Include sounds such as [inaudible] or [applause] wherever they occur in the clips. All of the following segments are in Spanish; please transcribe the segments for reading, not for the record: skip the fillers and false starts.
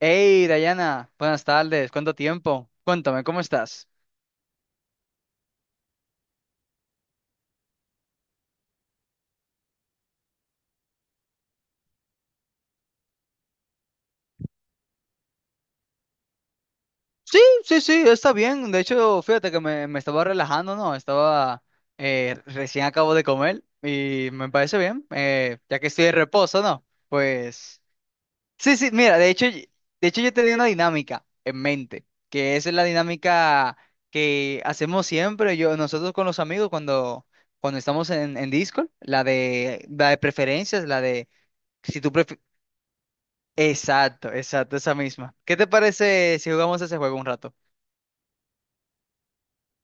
Hey, Dayana, buenas tardes, ¿cuánto tiempo? Cuéntame, ¿cómo estás? Sí, sí, sí, está bien. De hecho, fíjate que me estaba relajando, ¿no? Estaba recién acabo de comer y me parece bien, ya que estoy de reposo, ¿no? Pues sí, sí, mira, de hecho, de hecho yo tenía una dinámica en mente, que esa es la dinámica que hacemos siempre, yo, nosotros con los amigos cuando estamos en Discord, la de preferencias, la de si tú pref- exacto, exacto, esa misma. ¿Qué te parece si jugamos ese juego un rato?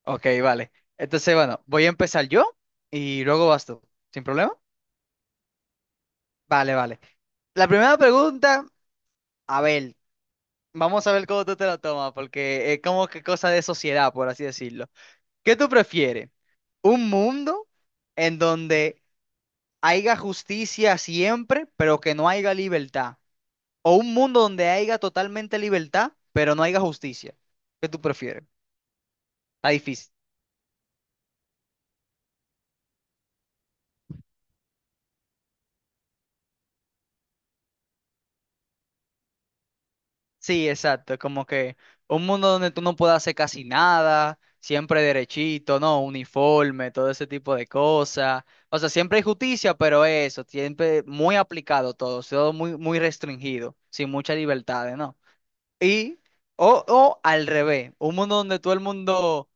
Ok, vale. Entonces, bueno, voy a empezar yo y luego vas tú. ¿Sin problema? Vale, vale. La primera pregunta, a ver, vamos a ver cómo tú te la tomas, porque es como que cosa de sociedad, por así decirlo. ¿Qué tú prefieres? ¿Un mundo en donde haya justicia siempre, pero que no haya libertad? ¿O un mundo donde haya totalmente libertad, pero no haya justicia? ¿Qué tú prefieres? Está difícil. Sí, exacto. Como que un mundo donde tú no puedes hacer casi nada, siempre derechito, ¿no? Uniforme, todo ese tipo de cosas. O sea, siempre hay justicia, pero eso, siempre muy aplicado todo, todo muy, muy restringido, sin muchas libertades, ¿no? Y, o al revés, un mundo donde todo el mundo,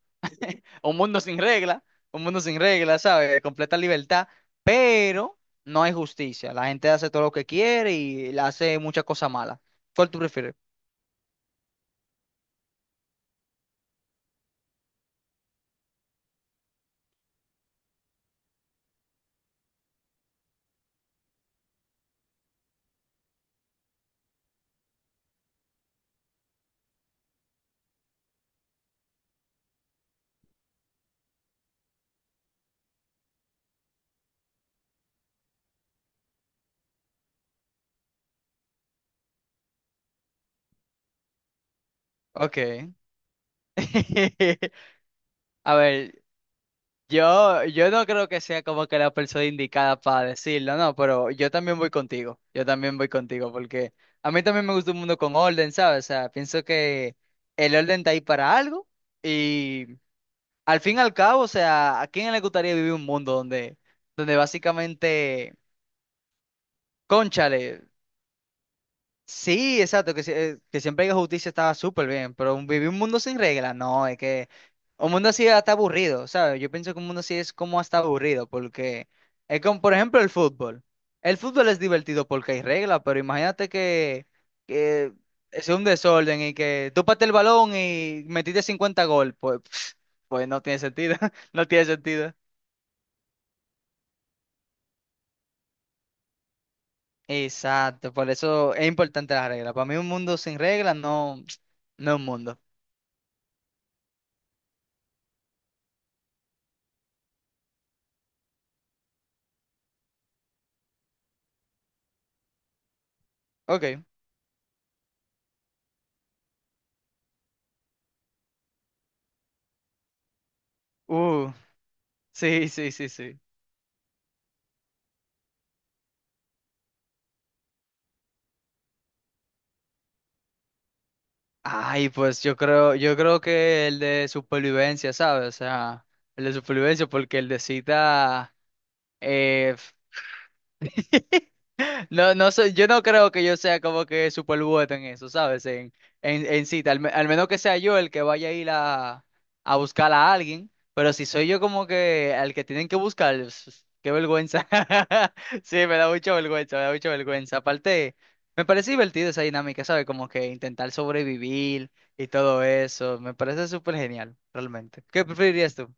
un mundo sin regla, un mundo sin regla, ¿sabes? De completa libertad, pero no hay justicia. La gente hace todo lo que quiere y le hace muchas cosas malas. ¿Cuál tú prefieres? Ok. [laughs] A ver, yo no creo que sea como que la persona indicada para decirlo, no, pero yo también voy contigo, yo también voy contigo, porque a mí también me gusta un mundo con orden, ¿sabes? O sea, pienso que el orden está ahí para algo y al fin y al cabo, o sea, ¿a quién le gustaría vivir un mundo donde básicamente, cónchale? Sí, exacto, que, si- que siempre hay justicia estaba súper bien, pero vivir un mundo sin reglas, no, es que un mundo así está aburrido, ¿sabes? Yo pienso que un mundo así es como hasta aburrido, porque es como, por ejemplo, el fútbol. El fútbol es divertido porque hay reglas, pero imagínate que es un desorden y que tú pateas el balón y metiste 50 gol, pues, [laughs] pues no tiene sentido, [laughs] no tiene sentido. Exacto, por eso es importante las reglas. Para mí un mundo sin reglas no, [tsk] no es un mundo. Ok. Uh, sí, sí, sí, sí. Ay, pues yo creo que el de supervivencia, ¿sabes? O sea, el de supervivencia, porque el de cita, no, no sé, yo no creo que yo sea como que super bueno en eso, ¿sabes? En cita, al menos que sea yo el que vaya a ir a buscar a alguien, pero si soy yo como que al que tienen que buscar, qué vergüenza. [laughs] Sí, me da mucha vergüenza, me da mucha vergüenza. Aparte, me parece divertido esa dinámica, ¿sabes? Como que intentar sobrevivir y todo eso, me parece súper genial, realmente. ¿Qué preferirías tú?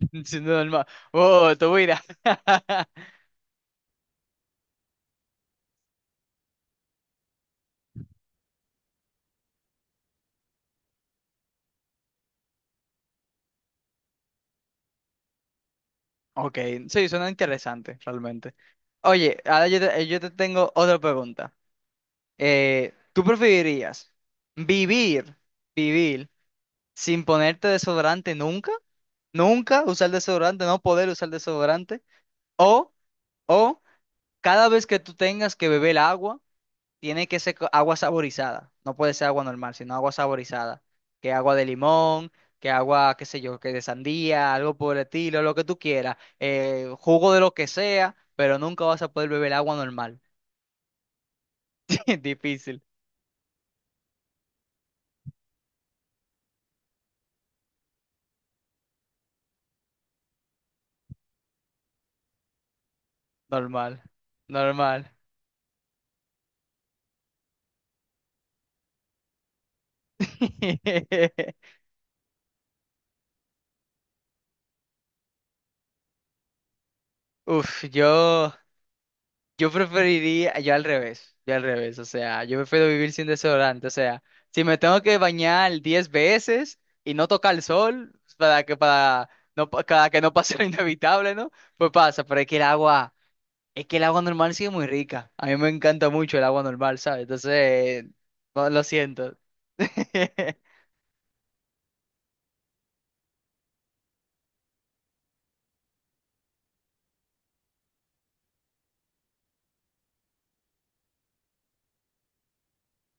[laughs] Sin duda, tu vida. [laughs] Ok, sí, suena interesante, realmente. Oye, ahora yo te tengo otra pregunta. ¿Tú preferirías vivir, vivir sin ponerte desodorante nunca? ¿Nunca usar desodorante, no poder usar desodorante? ¿O, o cada vez que tú tengas que beber agua, tiene que ser agua saborizada? No puede ser agua normal, sino agua saborizada. Que agua de limón, que agua, qué sé yo, que de sandía, algo por el estilo, lo que tú quieras. Jugo de lo que sea, pero nunca vas a poder beber agua normal. [laughs] Difícil. Normal. Normal. [laughs] Uf, yo. Yo preferiría, yo al revés, o sea, yo prefiero vivir sin desodorante, o sea, si me tengo que bañar 10 veces y no tocar el sol para que para no para que no pase lo inevitable, ¿no? Pues pasa, pero es que el agua normal sí es muy rica. A mí me encanta mucho el agua normal, ¿sabes? Entonces, no, lo siento. [laughs]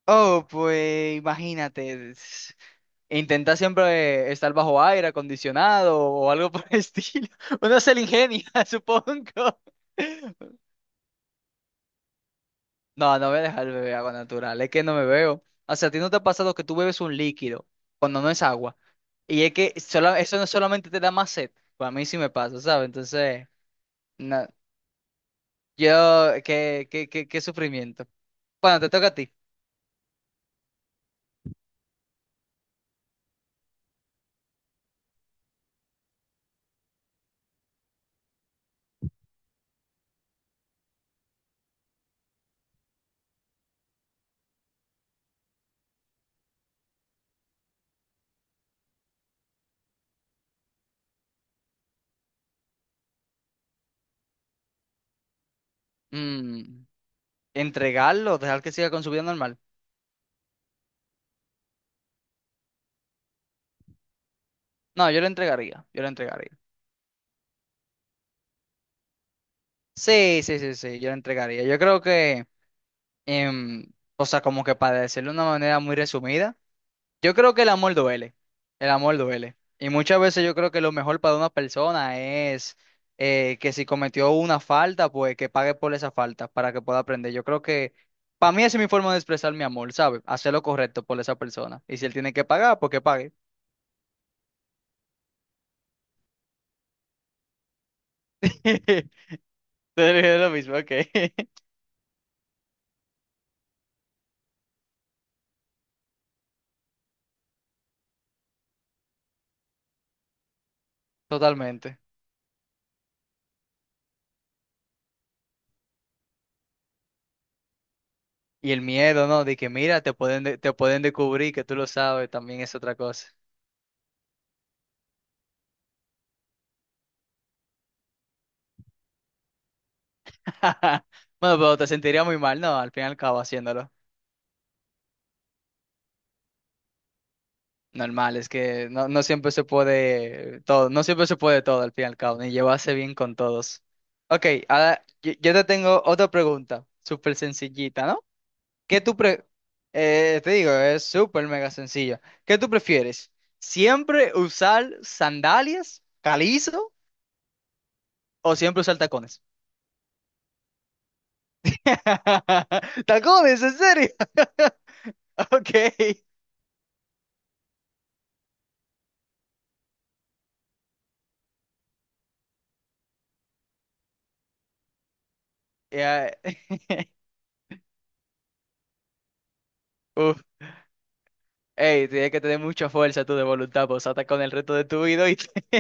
Oh, pues imagínate. Intenta siempre estar bajo aire acondicionado o algo por el estilo. [laughs] Uno se le ingenia, [laughs] supongo. No, no voy a dejar el bebé agua natural, es que no me veo. O sea, ¿a ti no te ha pasado que tú bebes un líquido cuando no es agua? Y es que eso no solamente te da más sed, para mí sí me pasa, ¿sabes? Entonces, no, yo, qué sufrimiento. Bueno, te toca a ti. Mm, ¿entregarlo o dejar que siga con su vida normal? No, yo lo entregaría, yo lo entregaría. Sí, sí, sí, sí, yo lo entregaría. Yo creo que, em, o sea, como que para decirlo de una manera muy resumida, yo creo que el amor duele, el amor duele. Y muchas veces yo creo que lo mejor para una persona es que si cometió una falta, pues que pague por esa falta para que pueda aprender. Yo creo que para mí esa es mi forma de expresar mi amor, ¿sabes? Hacer lo correcto por esa persona. Y si él tiene que pagar, pues que pague. [laughs] Te dije lo mismo, ok. [laughs] Totalmente. Y el miedo, ¿no? De que mira, te pueden descubrir que tú lo sabes, también es otra cosa. [laughs] Bueno, pero te sentiría muy mal, ¿no? Al fin y al cabo haciéndolo. Normal, es que no, no siempre se puede todo, no siempre se puede todo al fin y al cabo, ni llevarse bien con todos. Ok, ahora yo te tengo otra pregunta, súper sencillita, ¿no? ¿Qué tú pre- Te digo, es súper mega sencillo. ¿Qué tú prefieres? ¿Siempre usar sandalias, calizo, o siempre usar tacones? [laughs] ¡Tacones, en serio! [laughs] Ok. Ya. [laughs] Uf. Ey, tienes que tener mucha fuerza tú de voluntad, pues ata con el resto de tu vida y [laughs]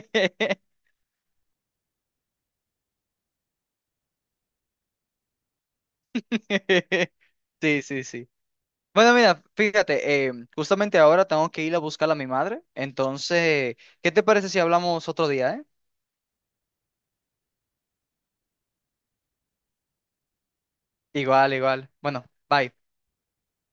sí, sí, sí. Bueno, mira, fíjate, justamente ahora tengo que ir a buscar a mi madre. Entonces, ¿qué te parece si hablamos otro día, eh? Igual, igual. Bueno, bye.